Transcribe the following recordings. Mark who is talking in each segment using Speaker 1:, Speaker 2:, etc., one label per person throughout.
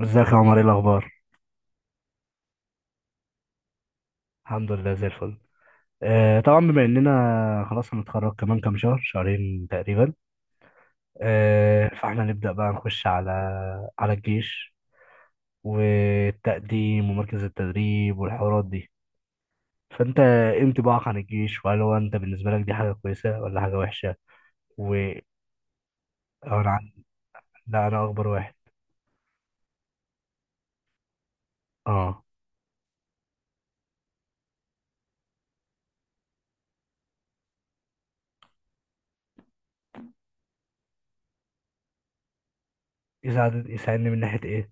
Speaker 1: ازيك يا عمر؟ ايه الاخبار؟ الحمد لله زي الفل. آه، طبعا بما اننا خلاص هنتخرج كمان كام شهر شهرين تقريبا. آه، فاحنا نبدا بقى نخش على الجيش والتقديم ومركز التدريب والحوارات دي. فانت ايه انطباعك عن الجيش؟ وهل هو انت بالنسبه لك دي حاجه كويسه ولا حاجه وحشه؟ و أو انا عن- لا، انا اكبر واحد. اه، يساعدني من ناحيه ايه؟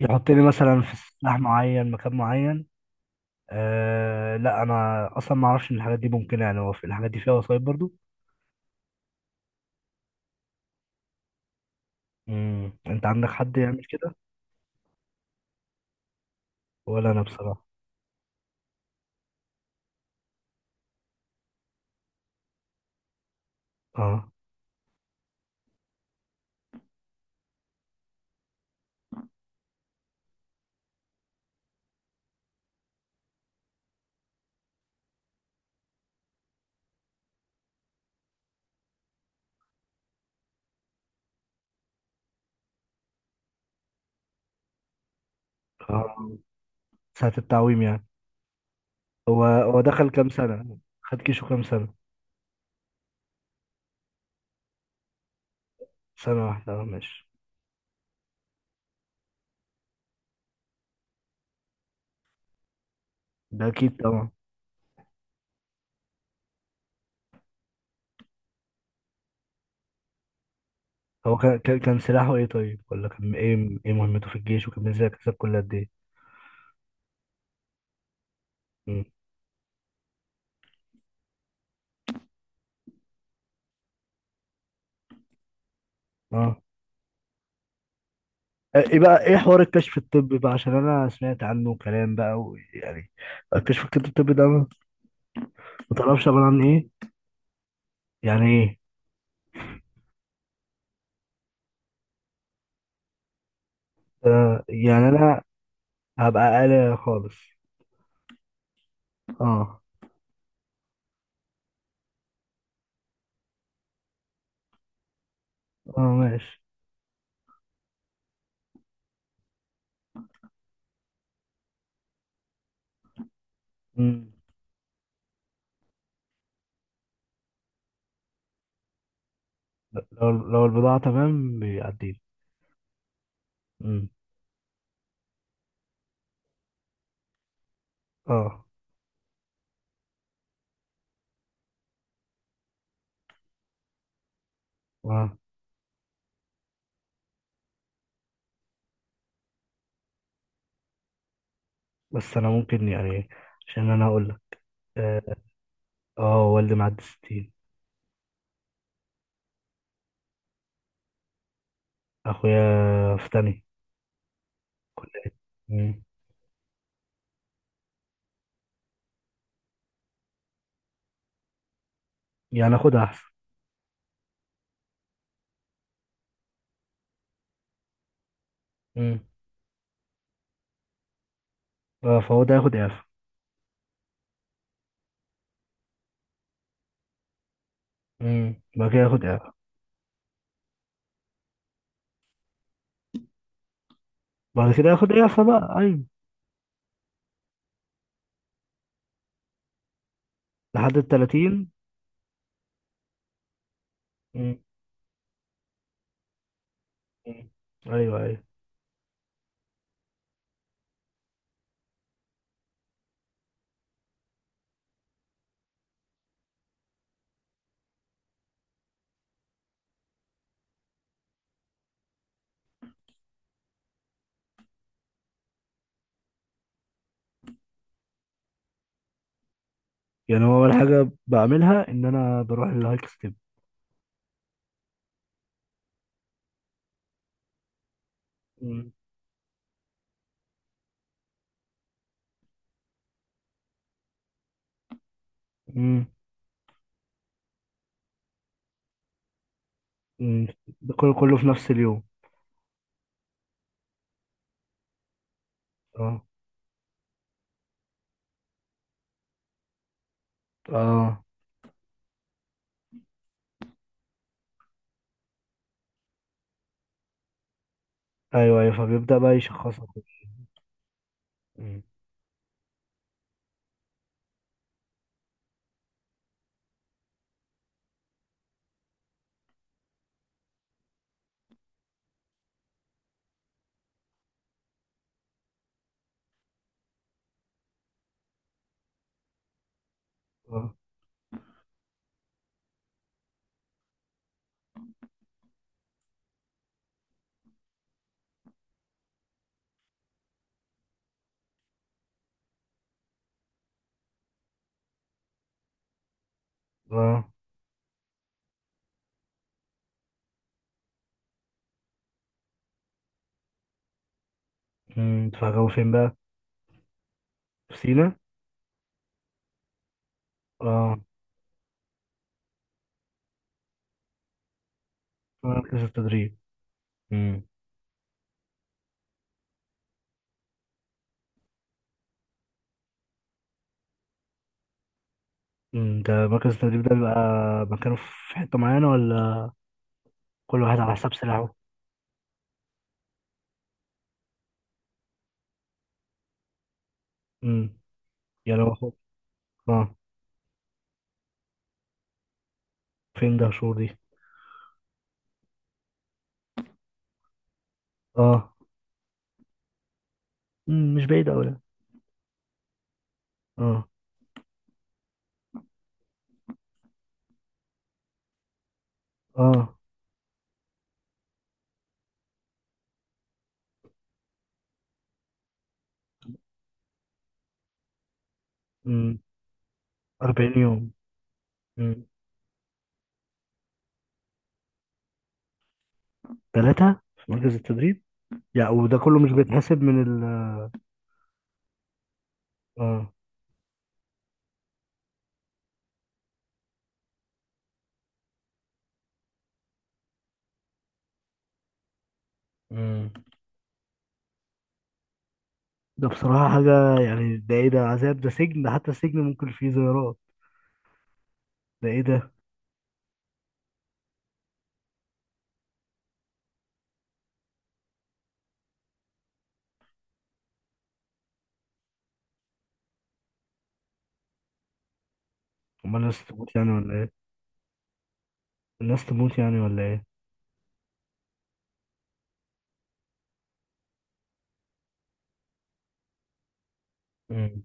Speaker 1: يحطني مثلا في سلاح معين، مكان معين. أه، لا، انا اصلا ما اعرفش ان الحاجات دي ممكنه. يعني هو في الحاجات دي فيها وسايط برضو؟ انت عندك حد يعمل كده؟ ولا انا بصراحه. اه، اه، ساعه التعويم يعني. هو دخل كام سنه؟ خد كيشو كام سنه؟ سنه واحده، اه، ماشي. ده اكيد طبعا. هو كان سلاحه ايه طيب؟ ولا كان ايه مهمته في الجيش؟ وكان ازاي كسب كل قد ايه؟ امم اه. ايه بقى، ايه حوار الكشف الطبي بقى؟ عشان انا سمعت عنه كلام بقى ويعني... الكشف الطبي ده، ما تعرفش عباره عن ايه؟ يعني ايه؟ آه، يعني انا هبقى اقل خالص. اه، اه، ماشي. مم. لو البضاعة تمام بيعديني؟ مم. اه، اه، بس انا ممكن يعني. عشان انا هقول لك. اه. آه، والدي معدي 60. اخويا في تاني كلية. مم. يعني اخد احسن. مم. آه، فهو ده ياخد اعفاء؟ مم. بعد كده ياخد اعفاء. بعد كده ياخد اعفاء بقى؟ ايوه. لحد ال 30. مم. مم. ايوه، ايوه. يعني هو اول حاجة بعملها ان انا بروح للهايك ستيب. مم. مم. مم. ده كله كله في نفس اليوم؟ اه. اه، ايوه، ايوه، فبيبدأ بقى يشخصها كده. مم. اه. اه. مم. فجابوا فين بقى؟ في سينا؟ اه، في مركز التدريب. مم. مم. ده مركز التدريب ده بيبقى مكانه في حتة معينة، ولا كل واحد على حساب سلاحه؟ امم يعني هو فوق. اه، فين ده شهور دي؟ اه. مم. مش بعيد أوي يعني. اه. اه. مم. 40 يوم. مم. 3 في مركز التدريب؟ يعني وده كله مش بيتحسب من ال... اه. مم. ده بصراحة حاجة، يعني ده ايه ده؟ عذاب؟ ده سجن؟ ده حتى السجن ممكن فيه زيارات. ده ايه ده؟ امال الناس تموت يعني ولا ايه؟ الناس تموت يعني ولا ايه؟ مم.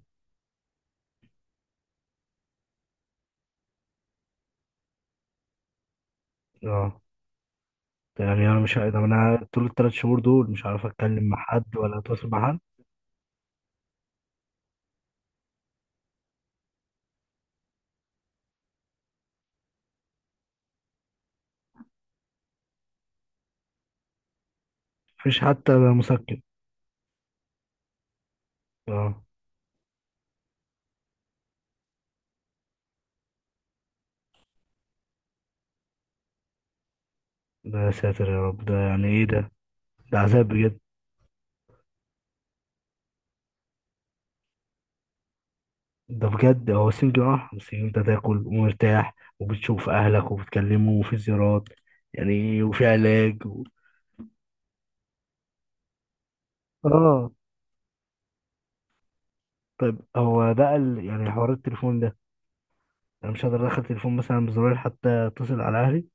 Speaker 1: اه. ده يعني انا مش، ده انا طول الثلاث شهور دول مش عارف اتكلم مع حد ولا اتواصل مع حد؟ مفيش حتى مسكن؟ اه. ده يا ساتر يا رب، ده يعني ايه ده؟ ده عذاب بجد. ده بجد هو سنجل، اه، بس انت تاكل ومرتاح وبتشوف اهلك وبتكلمهم وفي زيارات. يعني وفي علاج و... اه. طيب، هو بقى ال... يعني حوار التليفون ده، انا مش هقدر ادخل تليفون مثلا بزرار حتى اتصل على اهلي؟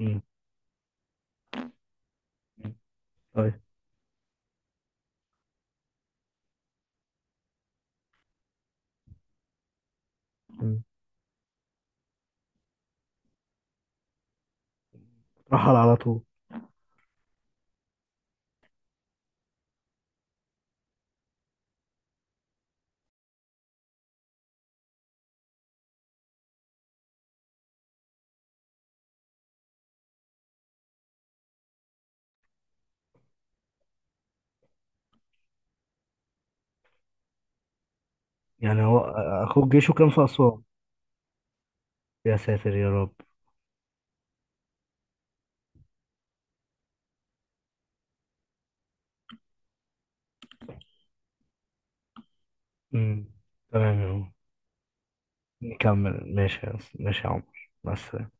Speaker 1: امم. طيب. مم. رحل على طول. يعني هو اخوك جيشه كان في اسوان؟ يا ساتر يا رب. مم. تمام يا عمر. نكمل، ماشي يا عمر، مع السلامة.